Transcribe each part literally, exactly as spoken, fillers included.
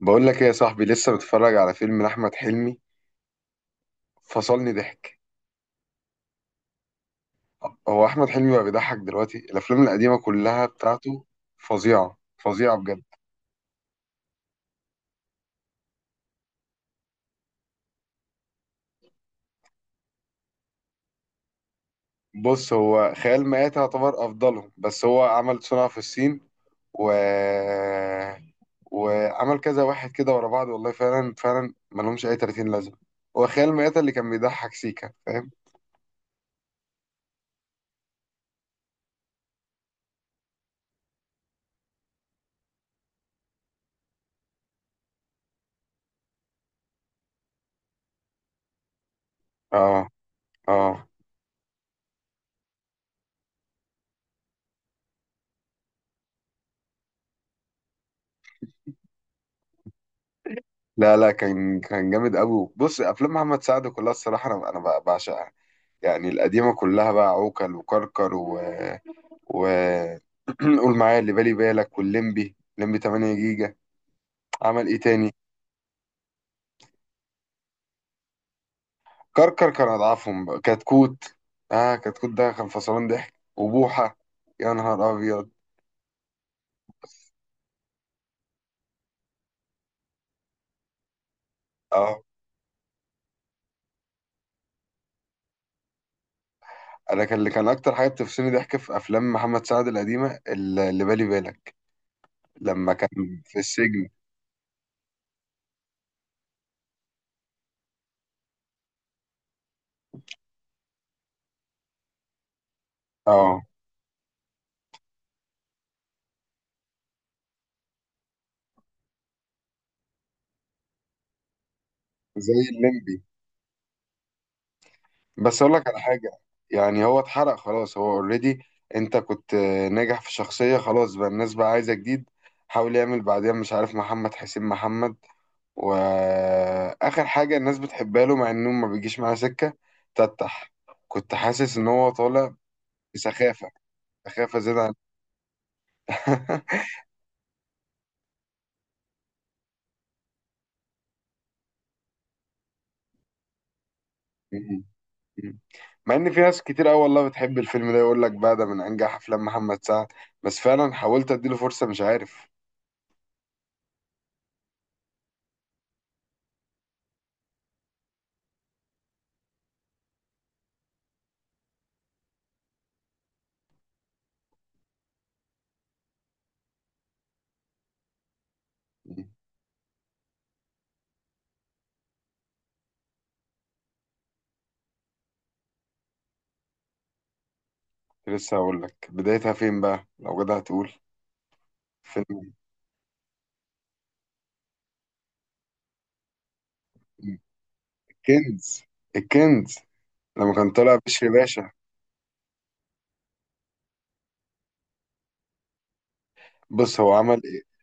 بقول لك ايه يا صاحبي؟ لسه بتفرج على فيلم لأحمد حلمي. فصلني ضحك. هو أحمد حلمي بقى بيضحك دلوقتي؟ الأفلام القديمة كلها بتاعته فظيعة فظيعة بجد. بص، هو خيال مآتة يعتبر أفضلهم، بس هو عمل صنع في الصين و... وعمل كذا واحد كده ورا بعض، والله فعلا فعلا ملهمش أي تلاتين لازمة. هو خيال مآتة اللي كان بيضحك سيكا، فاهم؟ اه. اه. لا لا، كان كان جامد قوي. بص، افلام محمد سعد كلها الصراحه انا انا بعشقها، يعني القديمة كلها بقى عوكل وكركر و, و... قول معايا اللي بالي بالك واللمبي، لمبي ثمانية جيجا. عمل ايه تاني؟ كركر كان اضعفهم بقى. كتكوت، اه كتكوت ده كان فصلان ضحك، وبوحة يا نهار ابيض. اه، انا كان اللي كان اكتر حاجة بتفصلني ضحك في افلام محمد سعد القديمة اللي بالي بالك لما كان في السجن. اه زي الليمبي. بس اقول لك على حاجه، يعني هو اتحرق خلاص، هو اوريدي انت كنت، آه، ناجح في شخصيه، خلاص بقى الناس بقى عايزه جديد. حاول يعمل بعدين مش عارف محمد حسين محمد، واخر حاجه الناس بتحبها له مع انه ما بيجيش معاه سكه. تتح كنت حاسس ان هو طالع بسخافه، سخافه زياده عن. مع ان في ناس كتير قوي والله بتحب الفيلم ده، يقول لك بقى ده من انجح افلام محمد سعد. بس فعلا حاولت اديله فرصه، مش عارف. لسه هقول لك بدايتها فين بقى لو جدع تقول. فيلم الكنز. الكنز لما كان طالع بشري باشا. بص هو عمل ايه.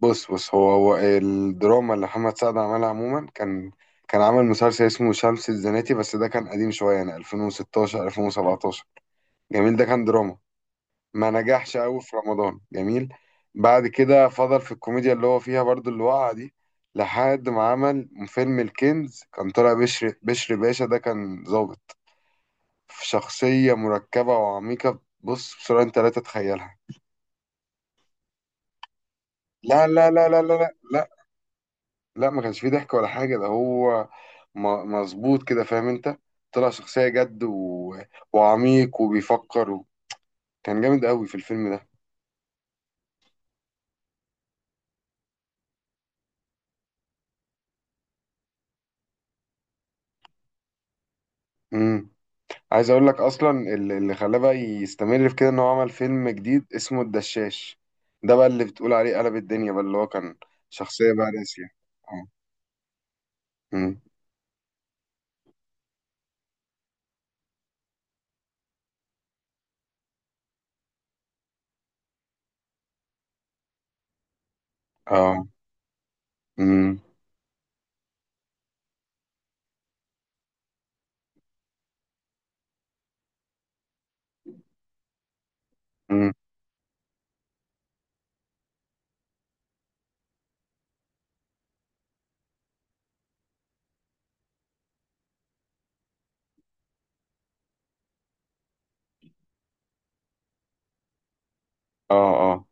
بص بص، هو هو الدراما اللي محمد سعد عملها عموما، كان كان عمل مسلسل اسمه شمس الزناتي، بس ده كان قديم شويه، يعني ألفين وستاشر ألفين وسبعتاشر. جميل، ده كان دراما، ما نجحش قوي في رمضان. جميل. بعد كده فضل في الكوميديا اللي هو فيها برضو، اللي وقع دي، لحد ما عمل فيلم الكنز. كان طالع بشري بشري باشا، ده كان ظابط في شخصية مركبة وعميقة، بص بسرعة، انت لا تتخيلها. لا لا لا لا لا لا لا لا، ما كانش فيه ضحك ولا حاجة، ده هو م- مظبوط كده، فاهم انت؟ طلع شخصية جد و... وعميق وبيفكر و... كان جامد قوي في الفيلم ده. امم. عايز اقول لك اصلا اللي اللي خلاه بقى يستمر في كده، ان هو عمل فيلم جديد اسمه الدشاش. ده بقى اللي بتقول عليه قلب الدنيا، بقى اللي هو كان شخصية بقى راسية. اه. امم. اه. امم. امم. اه. اه.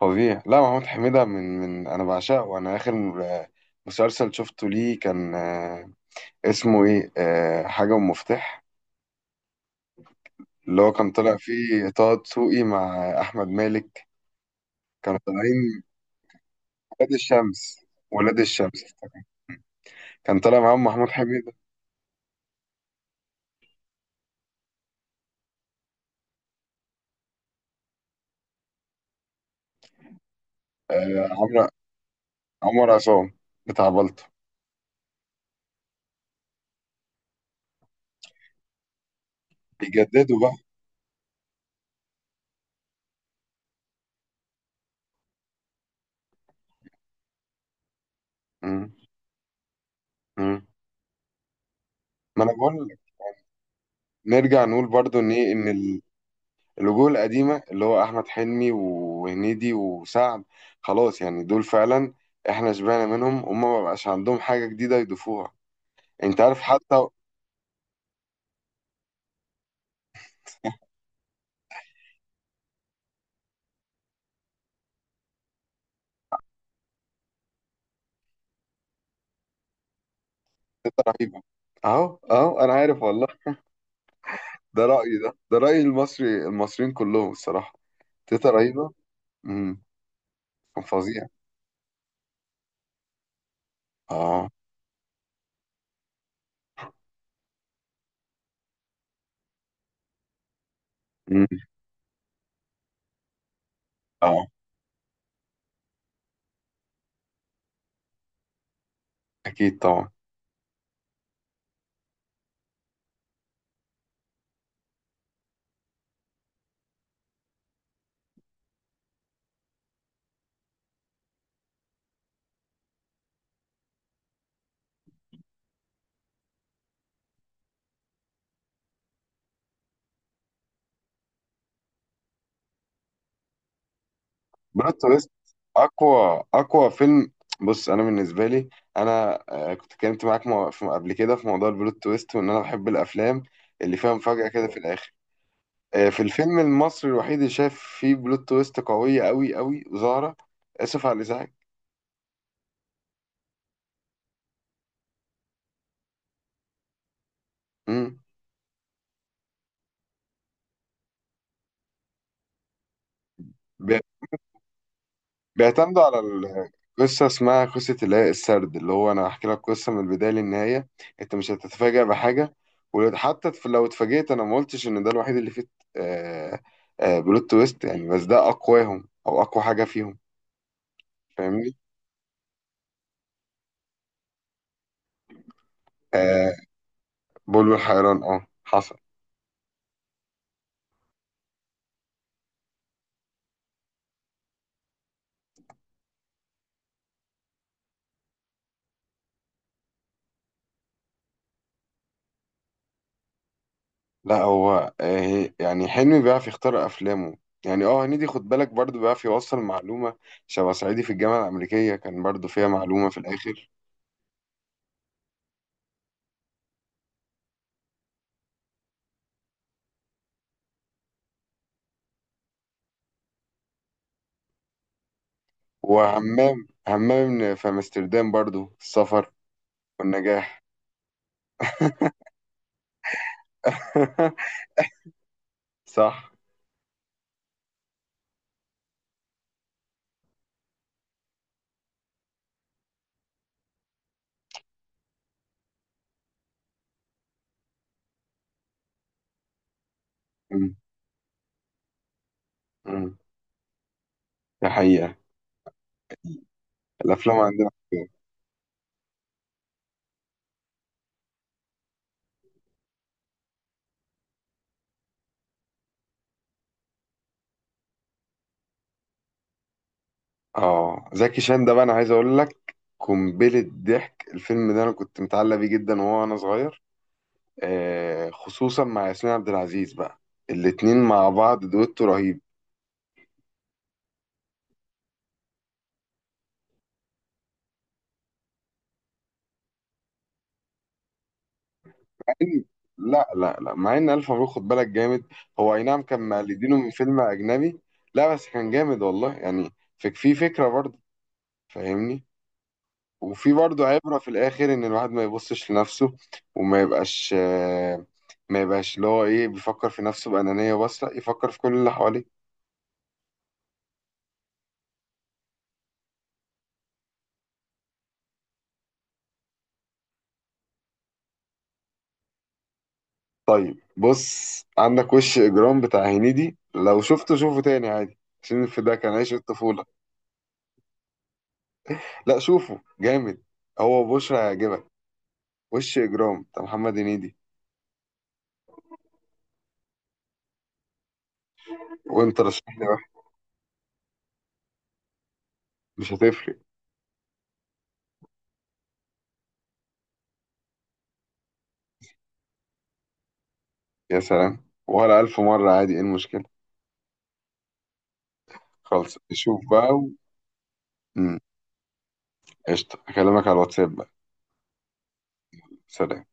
فظيع. لا، محمود حميدة من من أنا بعشقه، وأنا آخر، آه، مسلسل شفته ليه كان، آه، اسمه إيه، آه، حاجة ومفتاح، اللي هو كان طلع فيه طه دسوقي مع أحمد مالك. كانوا طالعين ولاد الشمس. ولاد الشمس كان طالع معاهم محمود حميدة. عمرو، عمر عصام، بتاع بلطو. بيجددوا بقى. مم. مم. ما أنا بقول لك، نرجع نقول برضو إن إيه، إن الوجوه القديمة اللي هو أحمد حلمي وهنيدي وسعد، خلاص يعني دول فعلا إحنا شبعنا منهم، هما ما بقاش عندهم حاجة جديدة يضيفوها. أنت عارف حتى ستة رهيبة؟ أهو أهو، أنا عارف والله. ده رأيي، ده ده رأي المصري، المصريين كلهم الصراحة. تيتا رهيبة. امم. كان فظيع. اه. امم. اه. أكيد طبعا. بلوت تويست، اقوى اقوى فيلم. بص انا بالنسبه لي، انا، آه، كنت اتكلمت معاك مو- في- قبل كده في موضوع البلوت تويست، وان انا بحب الافلام اللي فيها مفاجاه كده في الاخر. آه، في الفيلم المصري الوحيد اللي شايف فيه بلوت تويست قويه، قوي قوي وظاهره، اسف على الازعاج. مم. بيعتمدوا على ال- قصة اسمها قصة، اللي هي السرد اللي هو أنا هحكي لك قصة من البداية للنهاية، أنت مش هتتفاجأ بحاجة. وحتى لو اتفاجئت، أنا ما قلتش إن ده الوحيد اللي فيه، آه، آه، بلوت تويست، يعني، بس ده أقواهم أو أقوى حاجة فيهم. فاهمني؟ آه بلبل حيران، أه حصل. لا هو آه، يعني حلمي بيعرف يختار أفلامه. يعني اه هنيدي خد بالك برضه بيعرف يوصل معلومة. شبه صعيدي في الجامعة الأمريكية كان برضه فيها معلومة في الآخر. وهمام، همام في امستردام برضو، السفر والنجاح. صح. مم. مم. ده حقيقة. الافلام عندنا كده. اه زكي شان ده بقى، انا عايز اقول لك، قنبلة ضحك الفيلم ده، انا كنت متعلق بيه جدا وهو انا صغير. آه خصوصا مع ياسمين عبد العزيز بقى، الاتنين مع بعض دويتو رهيب. مع إن- لا لا لا، مع ان الف مبروك خد بالك جامد. هو اي نعم كان مقلدينه من فيلم اجنبي، لا بس كان جامد والله، يعني فك- في فكرة برضه، فاهمني؟ وفي برضه عبرة في الآخر، إن الواحد ما يبصش لنفسه وما يبقاش، آه، ما يبقاش اللي هو إيه، بيفكر في نفسه بأنانية، بس لأ، يفكر في كل اللي حواليه. طيب بص، عندك وش إجرام بتاع هنيدي، لو شفته شوفه تاني عادي، عشان في ده كان عيش الطفولة. لأ شوفه جامد، هو بشرى هيعجبك. وش إجرام بتاع محمد هنيدي. وأنت رشح لي واحد، مش هتفرق. يا سلام ولا ألف مرة عادي، إيه المشكلة؟ خلص شوف بقى و... مم. قشطة، أكلمك على الواتساب بقى. سلام.